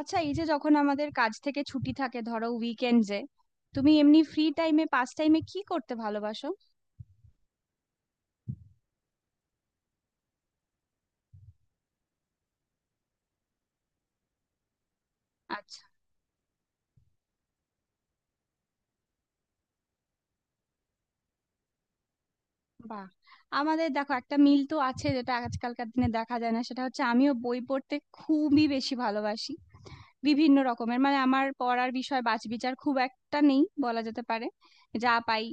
আচ্ছা, এই যে যখন আমাদের কাজ থেকে ছুটি থাকে, ধরো উইকেন্ডসে তুমি এমনি ফ্রি টাইমে, পাস টাইমে কি করতে ভালোবাসো? আচ্ছা। বাহ! আমাদের দেখো একটা মিল তো আছে, যেটা আজকালকার দিনে দেখা যায় না, সেটা হচ্ছে আমিও বই পড়তে খুবই বেশি ভালোবাসি। বিভিন্ন রকমের, মানে আমার পড়ার বিষয় বাছ বিচার খুব একটা নেই বলা যেতে পারে। যা পাই,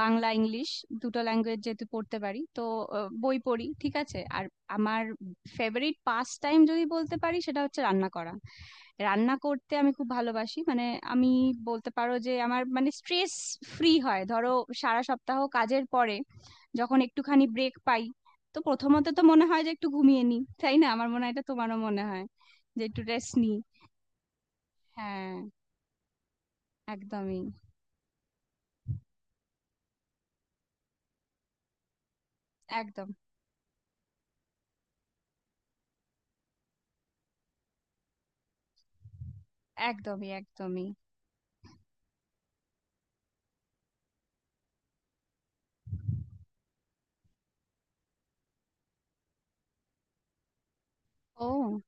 বাংলা, ইংলিশ দুটো ল্যাঙ্গুয়েজ যেহেতু পড়তে পারি, তো বই পড়ি। ঠিক আছে, আর আমার ফেভারিট পাস টাইম যদি বলতে পারি, সেটা হচ্ছে রান্না করা। রান্না করতে আমি খুব ভালোবাসি, মানে আমি বলতে পারো যে আমার মানে স্ট্রেস ফ্রি হয় ধরো সারা সপ্তাহ কাজের পরে যখন একটুখানি ব্রেক পাই। তো প্রথমত তো মনে হয় যে একটু ঘুমিয়ে নিই, তাই না? আমার মনে হয় এটা তোমারও মনে হয় যে একটু রেস্ট নিই। হ্যাঁ, একদমই। একদম। একদমই। একদমই। ও।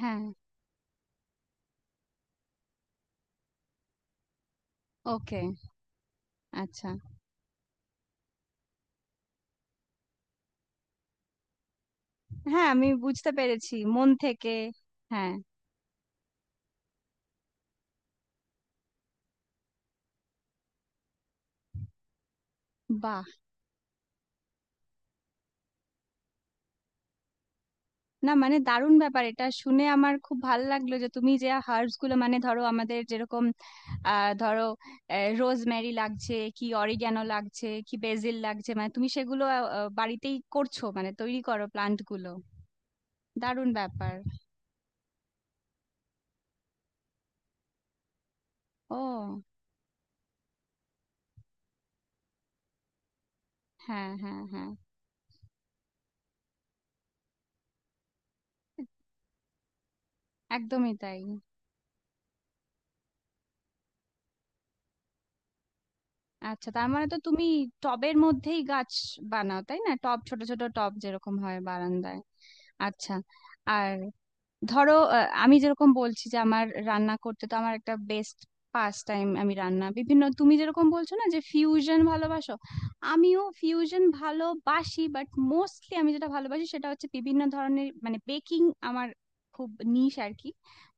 হ্যাঁ। ওকে। আচ্ছা। হ্যাঁ, আমি বুঝতে পেরেছি, মন থেকে। হ্যাঁ। বাহ। না মানে দারুণ ব্যাপার, এটা শুনে আমার খুব ভালো লাগলো যে তুমি যে হার্বস গুলো, মানে ধরো আমাদের যেরকম ধরো রোজমেরি লাগছে, কি অরিগ্যানো লাগছে, কি বেসিল লাগছে, মানে তুমি সেগুলো বাড়িতেই করছো, মানে তৈরি করো প্লান্ট গুলো? দারুণ ব্যাপার। ও। হ্যাঁ, হ্যাঁ, হ্যাঁ। একদমই তাই। আচ্ছা, তার মানে তো তুমি টবের মধ্যেই গাছ বানাও, তাই না? টব, ছোট ছোট টব যেরকম হয় বারান্দায়। আচ্ছা। আর ধরো আমি যেরকম বলছি যে আমার রান্না করতে, তো আমার একটা বেস্ট পাস টাইম, আমি রান্না বিভিন্ন তুমি যেরকম বলছো না যে ফিউশন ভালোবাসো, আমিও ফিউশন ভালোবাসি, বাট মোস্টলি আমি যেটা ভালোবাসি সেটা হচ্ছে বিভিন্ন ধরনের, মানে বেকিং। আমার খুব নিশ আর কি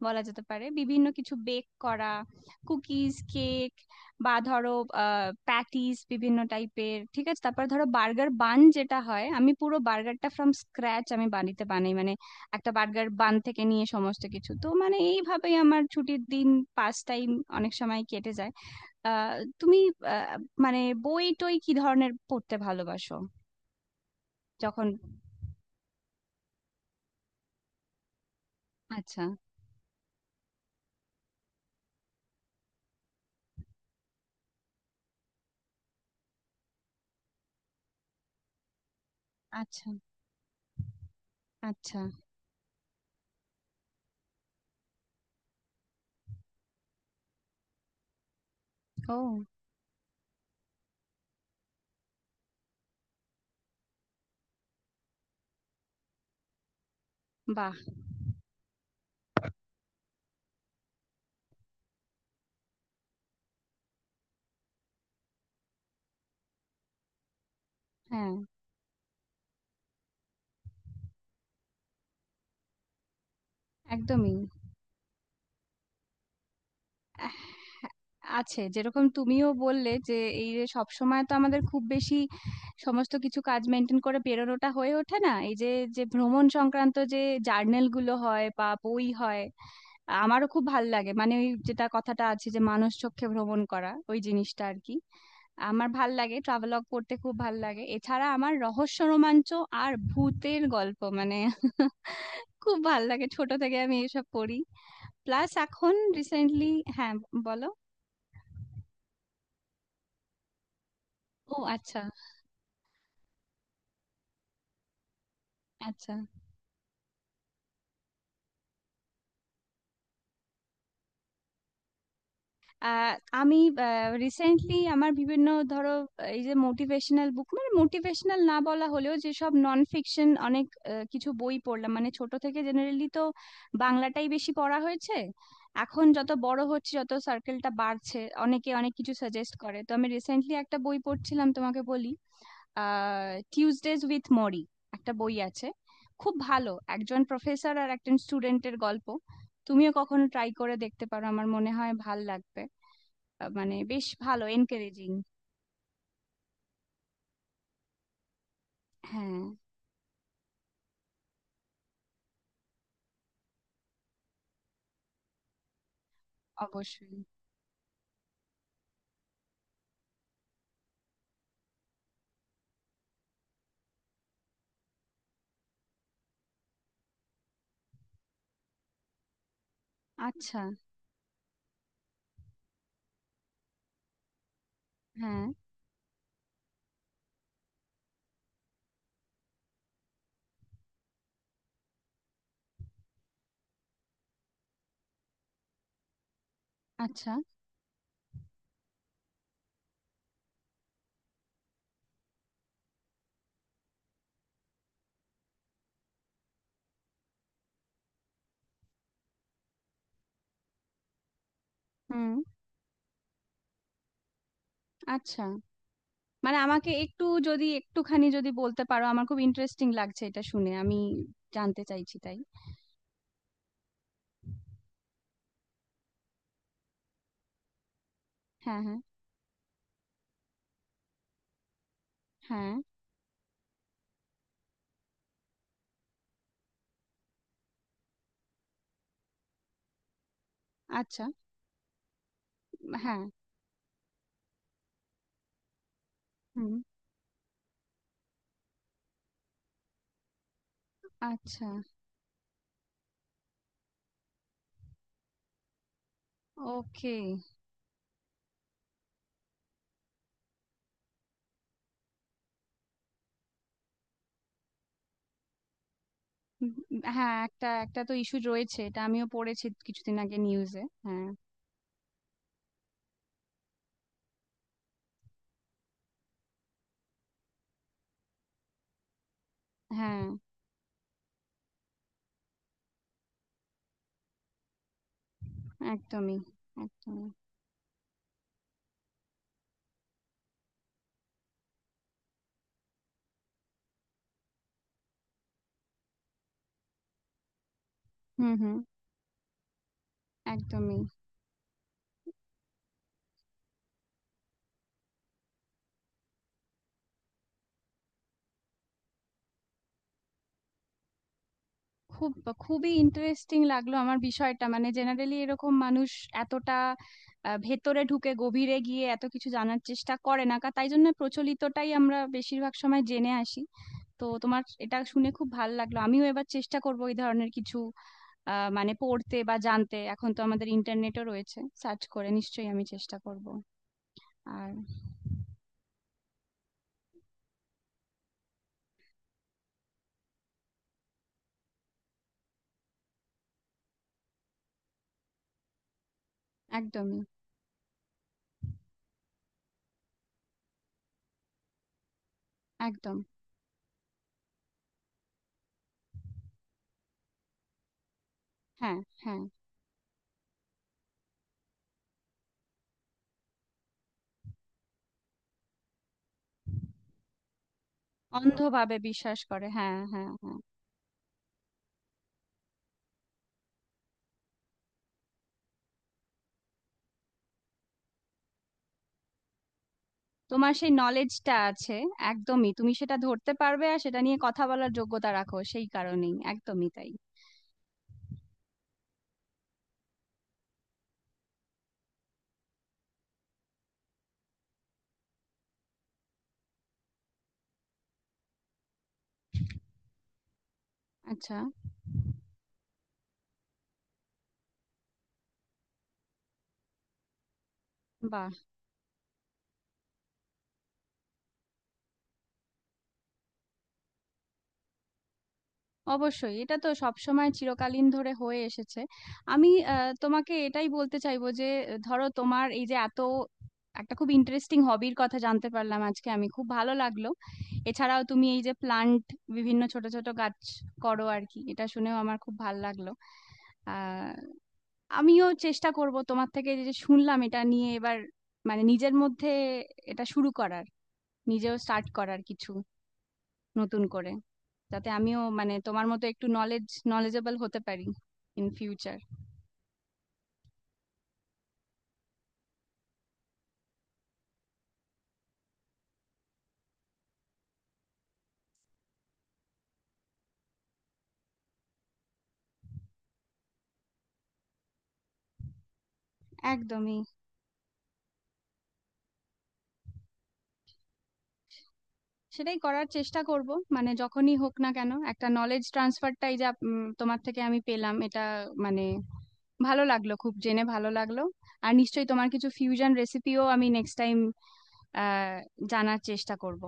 বলা যেতে পারে, বিভিন্ন কিছু বেক করা। কুকিজ, কেক বা ধরো প্যাটিস, বিভিন্ন টাইপের। ঠিক আছে, তারপর ধরো বার্গার বান যেটা হয়, আমি পুরো বার্গারটা ফ্রম স্ক্র্যাচ আমি বাড়িতে বানাই, মানে একটা বার্গার বান থেকে নিয়ে সমস্ত কিছু। তো মানে এইভাবেই আমার ছুটির দিন, পাস টাইম অনেক সময় কেটে যায়। আহ তুমি আহ, মানে বই টই কি ধরনের পড়তে ভালোবাসো যখন? আচ্ছা। আচ্ছা। আচ্ছা। ও। বাহ। হ্যাঁ। একদমই। আহ, আছে, যেরকম তুমিও বললে যে এই যে সব সময় তো আমাদের খুব বেশি সমস্ত কিছু কাজ মেনটেন করে বেরোনোটা হয়ে ওঠে না, এই যে, যে ভ্রমণ সংক্রান্ত যে জার্নাল গুলো হয় বা বই হয় আমারও খুব ভাল লাগে। মানে ওই যেটা কথাটা আছে যে মানুষ চক্ষে ভ্রমণ করা, ওই জিনিসটা আর কি। আমার ভাল লাগে ট্রাভেলগ পড়তে, খুব ভাল লাগে। এছাড়া আমার রহস্য রোমাঞ্চ আর ভূতের গল্প, মানে খুব ভাল লাগে, ছোট থেকে আমি এসব পড়ি। প্লাস এখন রিসেন্টলি। হ্যাঁ, বলো। ও, আচ্ছা। আচ্ছা। আহ, আমি রিসেন্টলি আমার বিভিন্ন ধরো এই যে মোটিভেশনাল বুক, মানে মোটিভেশনাল না বলা হলেও যেসব নন ফিকশন অনেক কিছু বই পড়লাম। মানে ছোট থেকে জেনারেলি তো বাংলাটাই বেশি পড়া হয়েছে, এখন যত বড় হচ্ছে, যত সার্কেলটা বাড়ছে, অনেকে অনেক কিছু সাজেস্ট করে। তো আমি রিসেন্টলি একটা বই পড়ছিলাম, তোমাকে বলি, টিউজডেজ উইথ মরি, একটা বই আছে, খুব ভালো, একজন প্রফেসর আর একজন স্টুডেন্টের গল্প। তুমিও কখনো ট্রাই করে দেখতে পারো, আমার মনে হয় ভাল লাগবে। মানে বেশ ভালো, এনকারেজিং। হ্যাঁ, অবশ্যই। আচ্ছা। হ্যাঁ। আচ্ছা। হুম। আচ্ছা। মানে আমাকে একটু যদি, একটুখানি যদি বলতে পারো, আমার খুব ইন্টারেস্টিং লাগছে এটা শুনে, আমি জানতে চাইছি, তাই। হ্যাঁ, হ্যাঁ, হ্যাঁ। আচ্ছা। হ্যাঁ। হুম। আচ্ছা। ওকে। হ্যাঁ, একটা একটা তো ইস্যু রয়েছে, এটা আমিও পড়েছি কিছুদিন আগে নিউজে। হ্যাঁ, হ্যাঁ। একদমই। একদমই। হুম, হুম। একদমই। খুব খুবই ইন্টারেস্টিং লাগলো আমার বিষয়টা। মানে জেনারেলি এরকম মানুষ এতটা ভেতরে ঢুকে, গভীরে গিয়ে এত কিছু জানার চেষ্টা করে না, তাই জন্য প্রচলিতটাই আমরা বেশিরভাগ সময় জেনে আসি। তো তোমার এটা শুনে খুব ভালো লাগলো, আমিও এবার চেষ্টা করবো এই ধরনের কিছু মানে পড়তে বা জানতে। এখন তো আমাদের ইন্টারনেটও রয়েছে, সার্চ করে নিশ্চয়ই আমি চেষ্টা করব। আর একদমই। একদম। হ্যাঁ, হ্যাঁ। অন্ধভাবে বিশ্বাস করে, হ্যাঁ, হ্যাঁ, হ্যাঁ। তোমার সেই নলেজটা আছে। একদমই, তুমি সেটা ধরতে পারবে আর সেটা নিয়ে কথা বলার যোগ্যতা রাখো, সেই কারণেই। একদমই তাই। আচ্ছা। বাহ। অবশ্যই, এটা তো সবসময় চিরকালীন ধরে হয়ে এসেছে। আমি তোমাকে এটাই বলতে চাইবো যে ধরো তোমার এই যে এত একটা খুব ইন্টারেস্টিং হবির কথা জানতে পারলাম আজকে, আমি খুব ভালো লাগলো। এছাড়াও তুমি এই যে প্লান্ট, বিভিন্ন ছোট ছোট গাছ করো আর কি, এটা শুনেও আমার খুব ভালো লাগলো। আহ, আমিও চেষ্টা করব তোমার থেকে যে যে শুনলাম এটা নিয়ে এবার, মানে নিজের মধ্যে এটা শুরু করার, নিজেও স্টার্ট করার কিছু নতুন করে, যাতে আমিও মানে তোমার মতো একটু নলেজেবল হতে পারি ইন ফিউচার। একদমই। সেটাই করার চেষ্টা করব। মানে যখনই হোক না কেন, একটা নলেজ ট্রান্সফারটাই যা তোমার থেকে আমি পেলাম এটা, মানে ভালো লাগলো, খুব জেনে ভালো লাগলো। আর নিশ্চয়ই তোমার কিছু ফিউশন রেসিপিও আমি নেক্সট টাইম জানার চেষ্টা করব।